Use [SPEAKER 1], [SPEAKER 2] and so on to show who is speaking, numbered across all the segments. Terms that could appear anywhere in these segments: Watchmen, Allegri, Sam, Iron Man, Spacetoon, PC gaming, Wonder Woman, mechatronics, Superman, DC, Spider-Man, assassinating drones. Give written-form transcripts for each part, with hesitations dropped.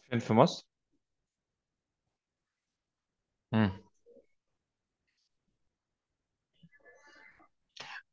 [SPEAKER 1] فين في مصر؟ مم.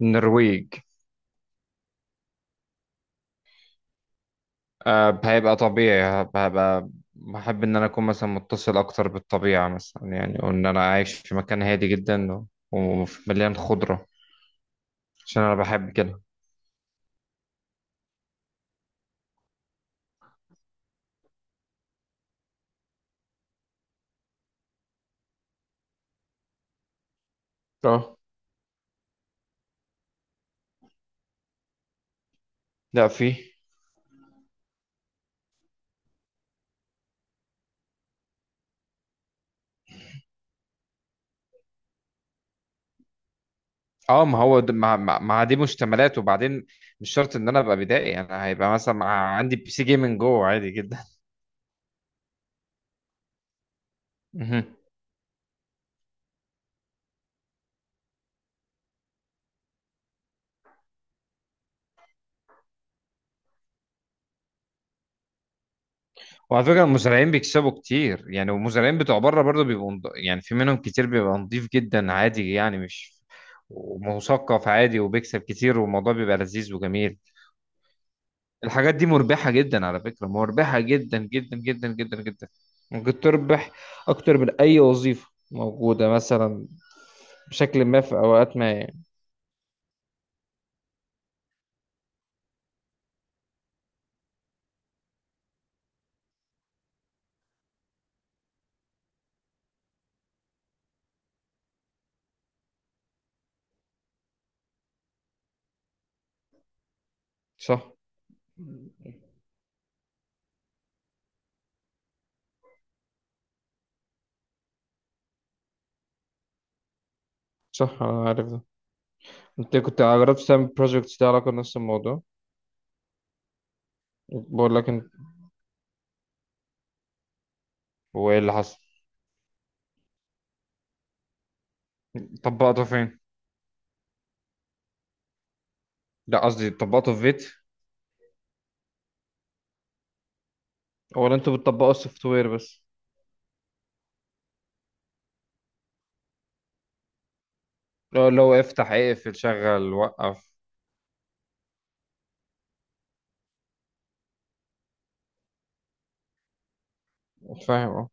[SPEAKER 1] النرويج. آه، هيبقى طبيعي. هبقى بحب إن أنا أكون مثلا متصل أكتر بالطبيعة مثلا يعني، وإن أنا عايش في مكان هادي جدا ومليان خضرة، عشان أنا بحب كده. اه. لا، في. اه، ما هو د- ما ما ما دي مشتملات، وبعدين مش شرط ان انا ابقى بدائي، انا هيبقى مثلا عندي بي سي جيمنج جوه عادي جدا. وعلى فكرة، المزارعين بيكسبوا كتير يعني، والمزارعين بتوع بره برضه يعني في منهم كتير بيبقى نضيف جدا عادي يعني، مش ومثقف عادي، وبيكسب كتير، والموضوع بيبقى لذيذ وجميل. الحاجات دي مربحة جدا، على فكرة، مربحة جدا جدا جدا جدا جدا. ممكن تربح أكتر من أي وظيفة موجودة مثلا، بشكل ما في أوقات ما يعني. صح. صح، أنا عارف ده. أنت كنت جربت تعمل بروجكت ده علاقة بنفس الموضوع؟ بقول لك أنت. وإيه اللي حصل؟ طبقته فين؟ لا، قصدي تطبقوا في فيت؟ ولا انتوا بتطبقوا السوفت وير بس؟ لو لو افتح اقفل شغل وقف. فاهم اه.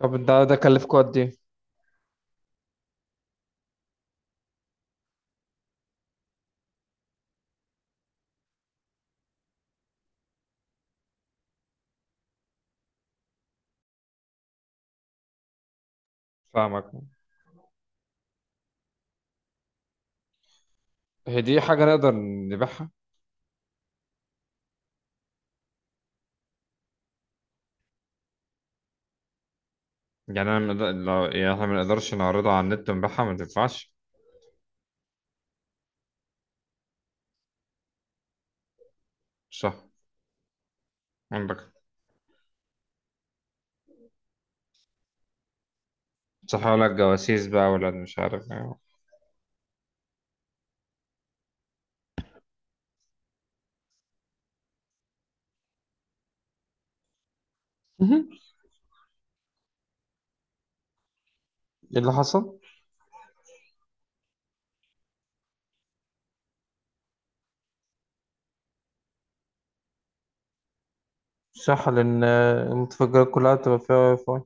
[SPEAKER 1] طب ده ده كلفكوا قد ايه؟ فاهمك. هي دي حاجة نقدر نبيعها؟ يعني انا لو يعني احنا ما نقدرش نعرضها على النت ونبيعها ما تنفعش. صح. عندك. صح، ولا الجواسيس بقى، ولا مش عارف ايه. مهم. ايه اللي حصل؟ صح، لأن المتفجرات كلها تبقى فيها واي فاي.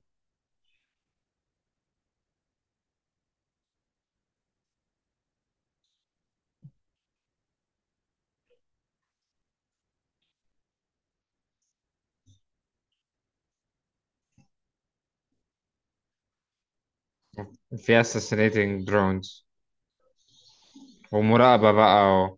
[SPEAKER 1] في assassinating drones. ومراقبة بقى و-.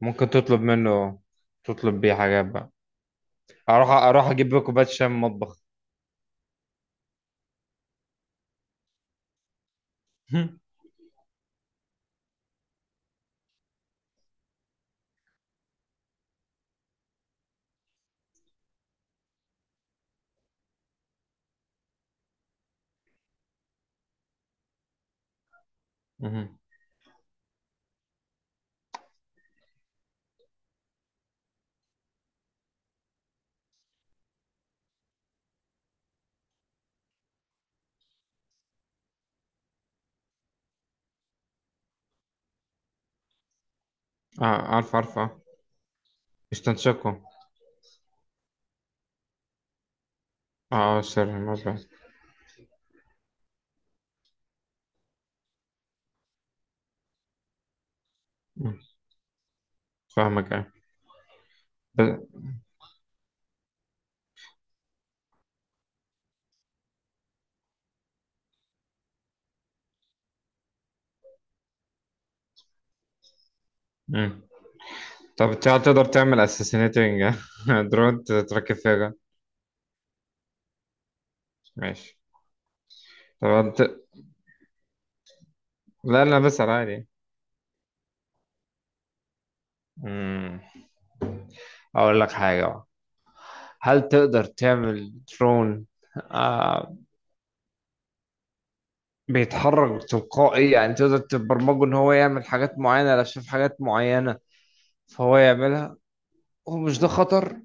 [SPEAKER 1] ممكن تطلب منه. تطلب بيه حاجات بقى. اروح اروح اجيب كوبايه شاي من المطبخ. مهم. اه، عارف عارف اه. يستنشقوا. اه اه، سر المزرعة. مم. فاهمك اه. ب-. مم. طب انت تقدر تعمل اساسينيتنج درون تركب فيها جن. ماشي. طب انت. لا لا، بسأل عادي. مم. اقول لك حاجة بقى. هل تقدر تعمل درون آه بيتحرك تلقائي، يعني تقدر تبرمجه ان هو يعمل حاجات معينة لو شاف حاجات معينة فهو يعملها؟ ومش ده خطر؟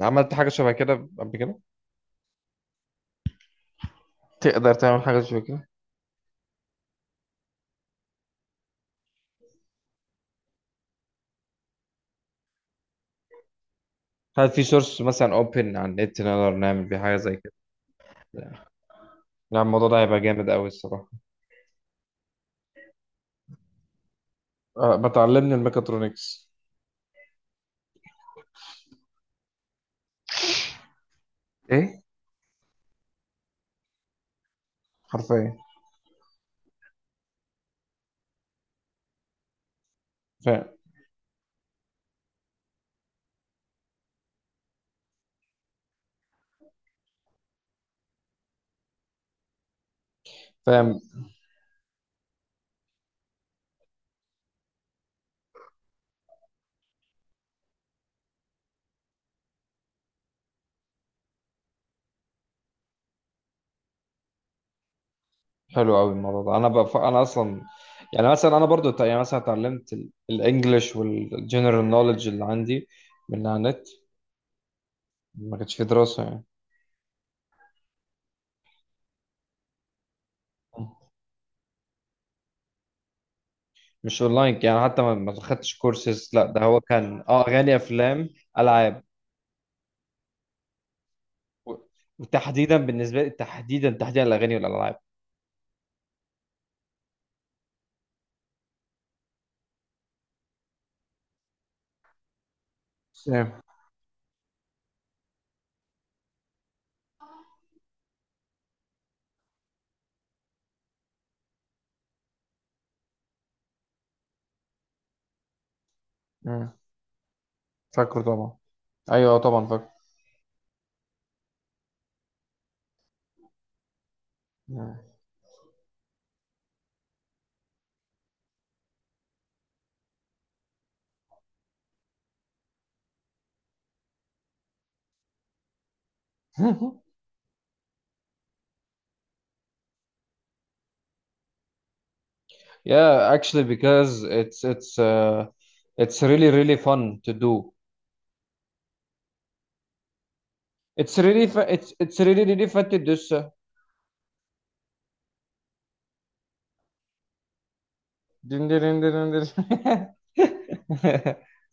[SPEAKER 1] عملت حاجة شبه كده قبل كده؟ تقدر تعمل حاجة زي كده؟ هل في سورس مثلا اوبن على النت نقدر نعمل بيه حاجة زي كده؟ لا، الموضوع ده هيبقى جامد قوي الصراحة. أه، بتعلمني الميكاترونكس؟ ايه. حرفيا. فاهم. فاهم. حلو قوي الموضوع ده. انا بف... انا اصلا يعني مثلا انا برضو يعني مثلا اتعلمت الانجليش والجنرال نوليدج اللي عندي من على النت. ما كانش في دراسة يعني. مش اونلاين يعني، حتى ما خدتش كورسز. لا، ده هو كان اه، اغاني افلام العاب و-. وتحديدا بالنسبه لي، تحديدا تحديدا الاغاني والالعاب. سام. مم. فاكره طبعا. ايوه طبعا فاكره. مم. Yeah, actually, because it's it's really really fun to do. It's really fun. It's really really fun to do so. دين دين دين دين دين.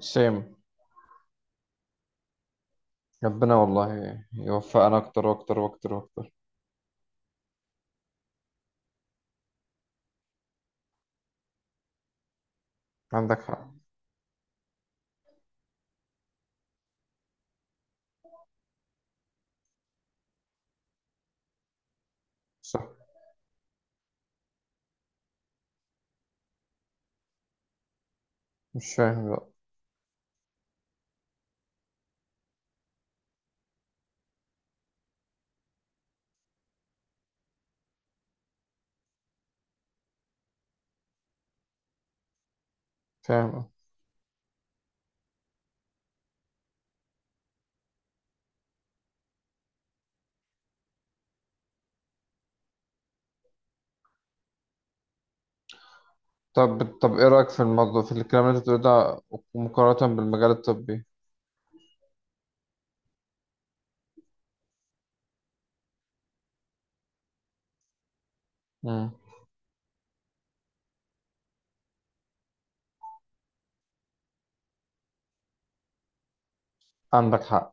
[SPEAKER 1] سام. ربنا والله يوفقنا اكتر واكتر واكتر واكتر. عندك حق. صح. مش فاهم بقى. فاهم. طب طب، ايه رأيك في الموضوع، في الكلام اللي انت بتقوله ده، مقارنة بالمجال الطبي؟ مم. عندك حق.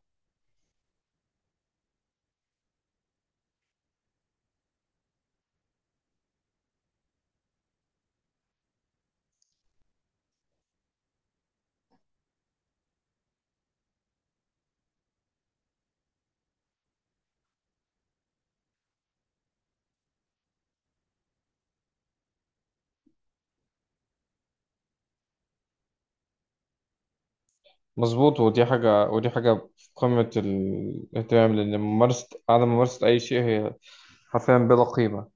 [SPEAKER 1] مظبوط، ودي حاجة، ودي حاجة في قمة الاهتمام، لأن ممارسة، عدم ممارسة أي شيء هي حرفيا بلا قيمة.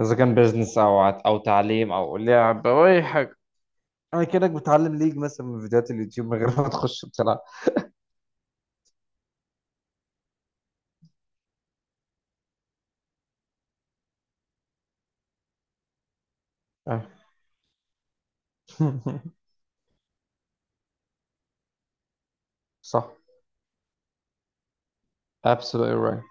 [SPEAKER 1] إذا كان بيزنس، أو أو تعليم، أو لعب، أو أي حاجة. أنا كأنك بتعلم ليج مثلا من فيديوهات اليوتيوب من غير ما تخش بتلعب. آه. صح. absolutely right.